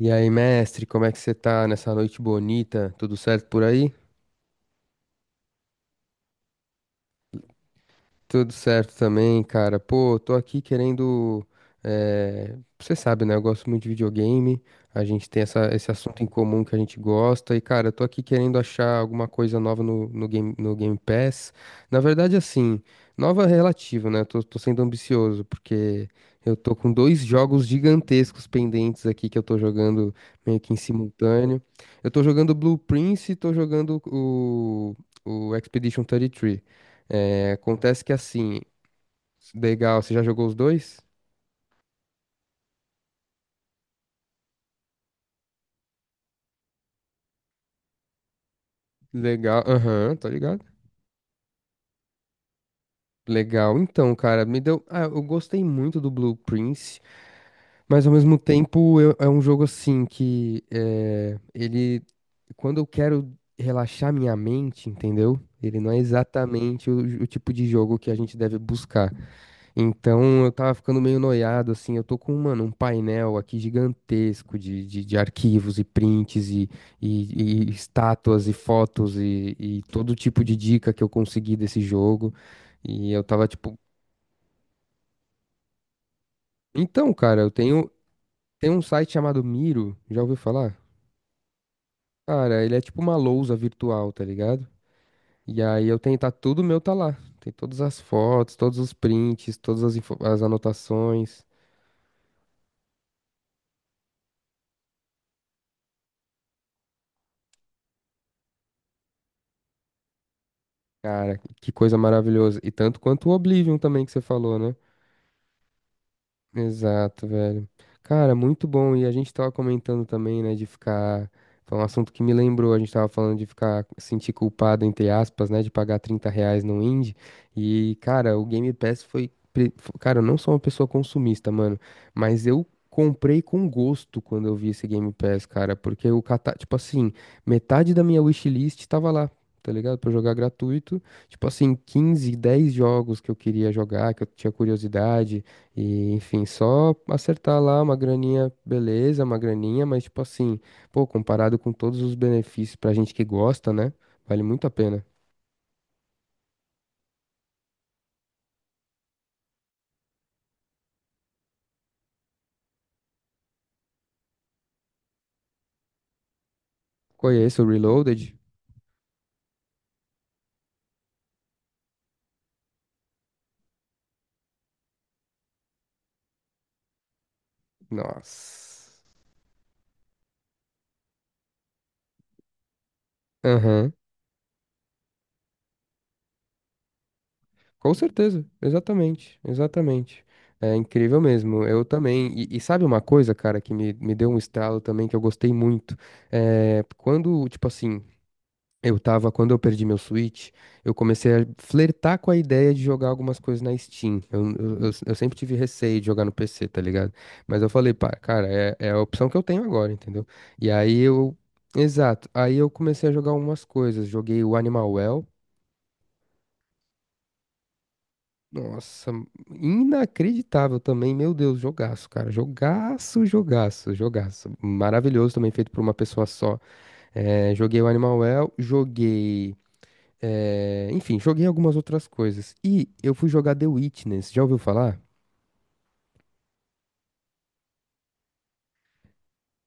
E aí, mestre, como é que você tá nessa noite bonita? Tudo certo por aí? Tudo certo também, cara. Pô, tô aqui querendo. Você sabe, né? Eu gosto muito de videogame. A gente tem esse assunto em comum que a gente gosta. E, cara, eu tô aqui querendo achar alguma coisa nova no game, no Game Pass. Na verdade, assim, nova relativa, né? Tô sendo ambicioso, porque eu tô com dois jogos gigantescos pendentes aqui que eu tô jogando meio que em simultâneo. Eu tô jogando Blue Prince e tô jogando o Expedition 33. É, acontece que assim, legal, você já jogou os dois? Legal, aham, tá ligado? Legal, então, cara, me deu. Ah, eu gostei muito do Blue Prince. Mas ao mesmo tempo é um jogo assim que é, ele, quando eu quero relaxar minha mente, entendeu? Ele não é exatamente o tipo de jogo que a gente deve buscar. Então eu tava ficando meio noiado, assim. Eu tô com, mano, um painel aqui gigantesco de arquivos e prints e estátuas e fotos e todo tipo de dica que eu consegui desse jogo. E eu tava tipo, então, cara, eu tenho, tem um site chamado Miro, já ouviu falar? Cara, ele é tipo uma lousa virtual, tá ligado? E aí eu tenho, tá tudo meu, tá lá. Tem todas as fotos, todos os prints, todas as anotações. Cara, que coisa maravilhosa. E tanto quanto o Oblivion também que você falou, né? Exato, velho. Cara, muito bom. E a gente tava comentando também, né, de ficar. Foi um assunto que me lembrou. A gente tava falando de ficar sentir culpado, entre aspas, né, de pagar R$ 30 no indie. E, cara, o Game Pass foi. Cara, eu não sou uma pessoa consumista, mano, mas eu. Comprei com gosto quando eu vi esse Game Pass, cara, porque tipo assim, metade da minha wishlist tava lá, tá ligado? Pra eu jogar gratuito, tipo assim, 15 10 jogos que eu queria jogar, que eu tinha curiosidade, e, enfim, só acertar lá uma graninha, beleza, uma graninha, mas tipo assim, pô, comparado com todos os benefícios pra gente que gosta, né? Vale muito a pena. Conheço o Reloaded? Nossa. Aham. Com certeza, exatamente, exatamente. É incrível mesmo. Eu também. E sabe uma coisa, cara, que me deu um estalo também que eu gostei muito? É, quando, tipo assim, Eu tava, quando eu perdi meu Switch, eu comecei a flertar com a ideia de jogar algumas coisas na Steam. Eu sempre tive receio de jogar no PC, tá ligado? Mas eu falei, pá, cara, é a opção que eu tenho agora, entendeu? E aí eu. Exato. Aí eu comecei a jogar algumas coisas. Joguei o Animal Well. Nossa, inacreditável também. Meu Deus, jogaço, cara. Jogaço, jogaço, jogaço. Maravilhoso também, feito por uma pessoa só. É, joguei o Animal Well, joguei. É, enfim, joguei algumas outras coisas. E eu fui jogar The Witness, já ouviu falar?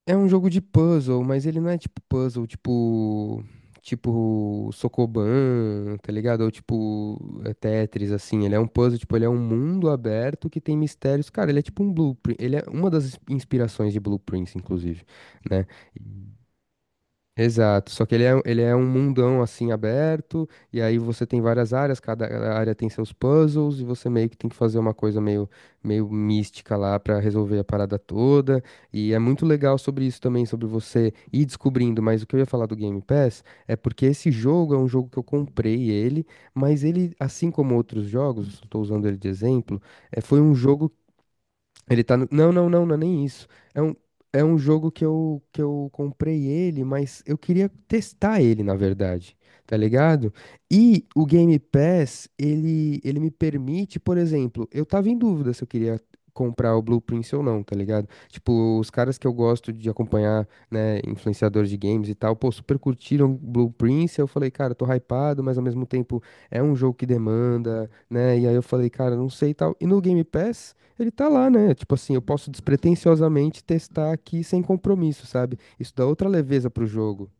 É um jogo de puzzle, mas ele não é tipo puzzle, tipo. Tipo Socoban, tá ligado? Ou tipo é Tetris, assim. Ele é um puzzle, tipo, ele é um mundo aberto que tem mistérios. Cara, ele é tipo um blueprint. Ele é uma das inspirações de blueprints, inclusive, né? Exato, só que ele é um mundão assim aberto, e aí você tem várias áreas, cada área tem seus puzzles, e você meio que tem que fazer uma coisa meio mística lá pra resolver a parada toda. E é muito legal sobre isso também, sobre você ir descobrindo. Mas o que eu ia falar do Game Pass é porque esse jogo é um jogo que eu comprei ele, mas ele, assim como outros jogos, estou usando ele de exemplo, é, foi um jogo ele tá no... Não, não, não, não é nem isso. É um, é um jogo que eu comprei ele, mas eu queria testar ele, na verdade. Tá ligado? E o Game Pass, ele me permite, por exemplo, eu tava em dúvida se eu queria comprar o Blue Prince ou não, tá ligado? Tipo, os caras que eu gosto de acompanhar, né, influenciadores de games e tal, pô, super curtiram Blue Prince, eu falei, cara, tô hypado, mas ao mesmo tempo é um jogo que demanda, né? E aí eu falei, cara, não sei e tal. E no Game Pass. Ele tá lá, né? Tipo assim, eu posso despretensiosamente testar aqui sem compromisso, sabe? Isso dá outra leveza pro jogo.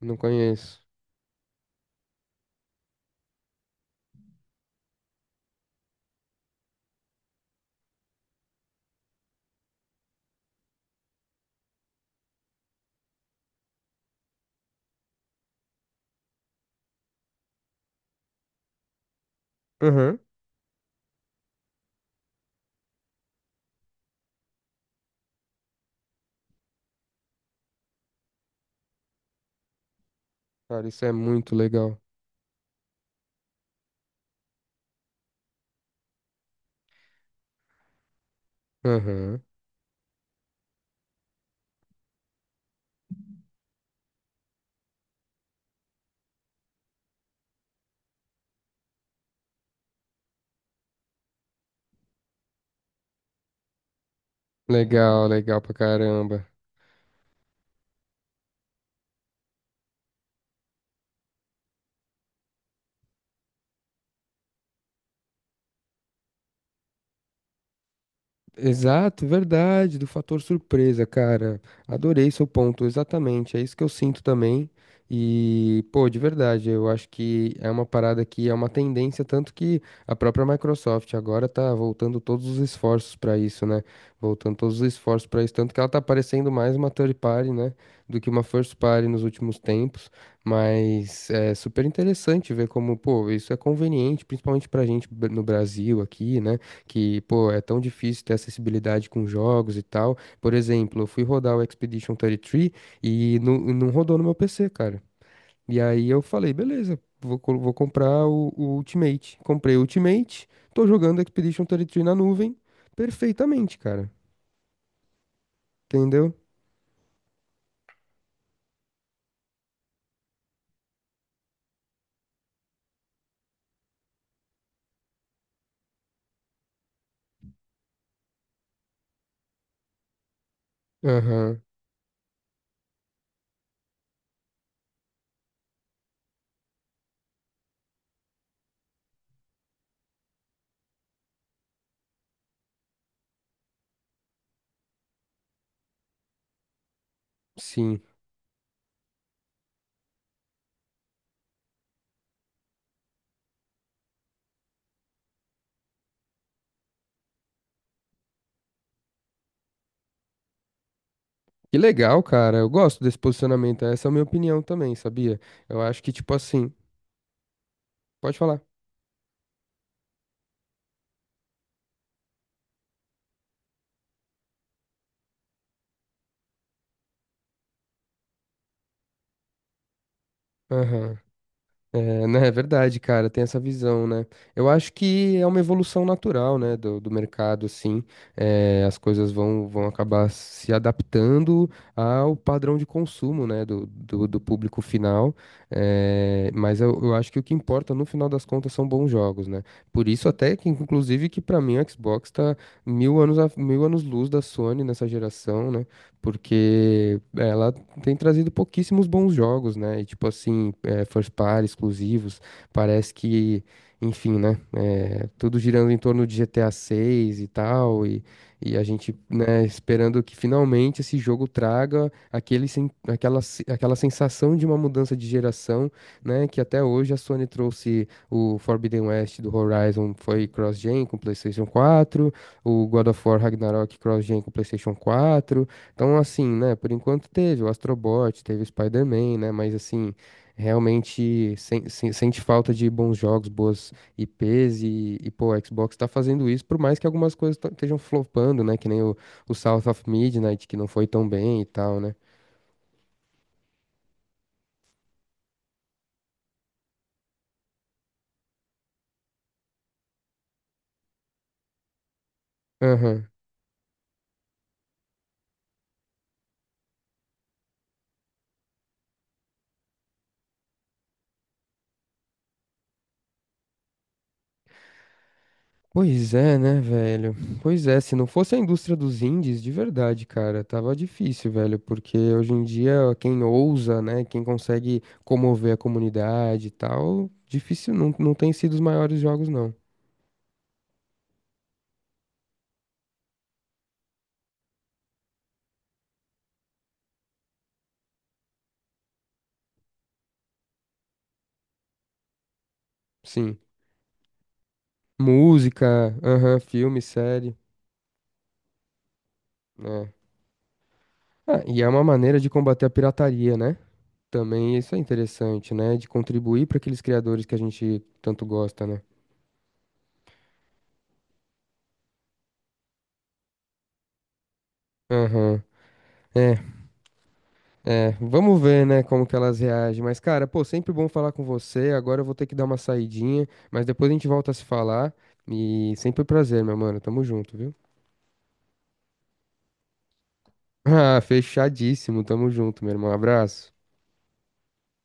Não conheço. Aham. Cara, isso é muito legal. Aham. Legal, legal pra caramba. Exato, verdade, do fator surpresa, cara. Adorei seu ponto, exatamente. É isso que eu sinto também. E, pô, de verdade, eu acho que é uma parada que é uma tendência, tanto que a própria Microsoft agora tá voltando todos os esforços pra isso, né? Voltando todos os esforços pra isso, tanto que ela tá parecendo mais uma third party, né, do que uma first party nos últimos tempos. Mas é super interessante ver como, pô, isso é conveniente, principalmente pra gente no Brasil aqui, né? Que, pô, é tão difícil ter acessibilidade com jogos e tal. Por exemplo, eu fui rodar o Expedition 33 e três e não rodou no meu PC, cara. E aí eu falei, beleza, vou comprar o Ultimate. Comprei o Ultimate, tô jogando Expedition 33 na nuvem perfeitamente, cara. Entendeu? Aham, sim. Que legal, cara. Eu gosto desse posicionamento. Essa é a minha opinião também, sabia? Eu acho que, tipo assim, pode falar. Aham. É, né, é verdade, cara, tem essa visão, né? Eu acho que é uma evolução natural, né, do mercado, assim, é, as coisas vão acabar se adaptando ao padrão de consumo, né, do público final, é, mas eu acho que o que importa, no final das contas, são bons jogos, né? Por isso até que, inclusive, que pra mim o Xbox tá mil anos luz da Sony nessa geração, né? Porque ela tem trazido pouquíssimos bons jogos, né? E tipo assim, é, first party, exclusivos, parece que, enfim, né? É, tudo girando em torno de GTA 6 e tal, e a gente, né, esperando que finalmente esse jogo traga aquele, sen- aquela, se- aquela sensação de uma mudança de geração, né? Que até hoje a Sony trouxe o Forbidden West do Horizon, foi cross-gen com PlayStation 4, o God of War Ragnarok cross-gen com PlayStation 4. Então, assim, né, por enquanto teve o Astrobot, teve o Spider-Man, né, mas assim, realmente sente falta de bons jogos, boas IPs e pô, o Xbox tá fazendo isso, por mais que algumas coisas estejam flopando, né, que nem o South of Midnight, que não foi tão bem e tal, né. Aham. Pois é, né, velho? Pois é, se não fosse a indústria dos indies, de verdade, cara, tava difícil, velho, porque hoje em dia quem ousa, né, quem consegue comover a comunidade e tal, difícil, não, não tem sido os maiores jogos, não. Sim. Música, aham, filme, série, né? Ah, e é uma maneira de combater a pirataria, né? Também isso é interessante, né? De contribuir para aqueles criadores que a gente tanto gosta, né? Aham. É, É, vamos ver, né, como que elas reagem. Mas, cara, pô, sempre bom falar com você. Agora eu vou ter que dar uma saidinha, mas depois a gente volta a se falar. E sempre um prazer, meu mano. Tamo junto, viu? Ah, fechadíssimo. Tamo junto, meu irmão. Abraço.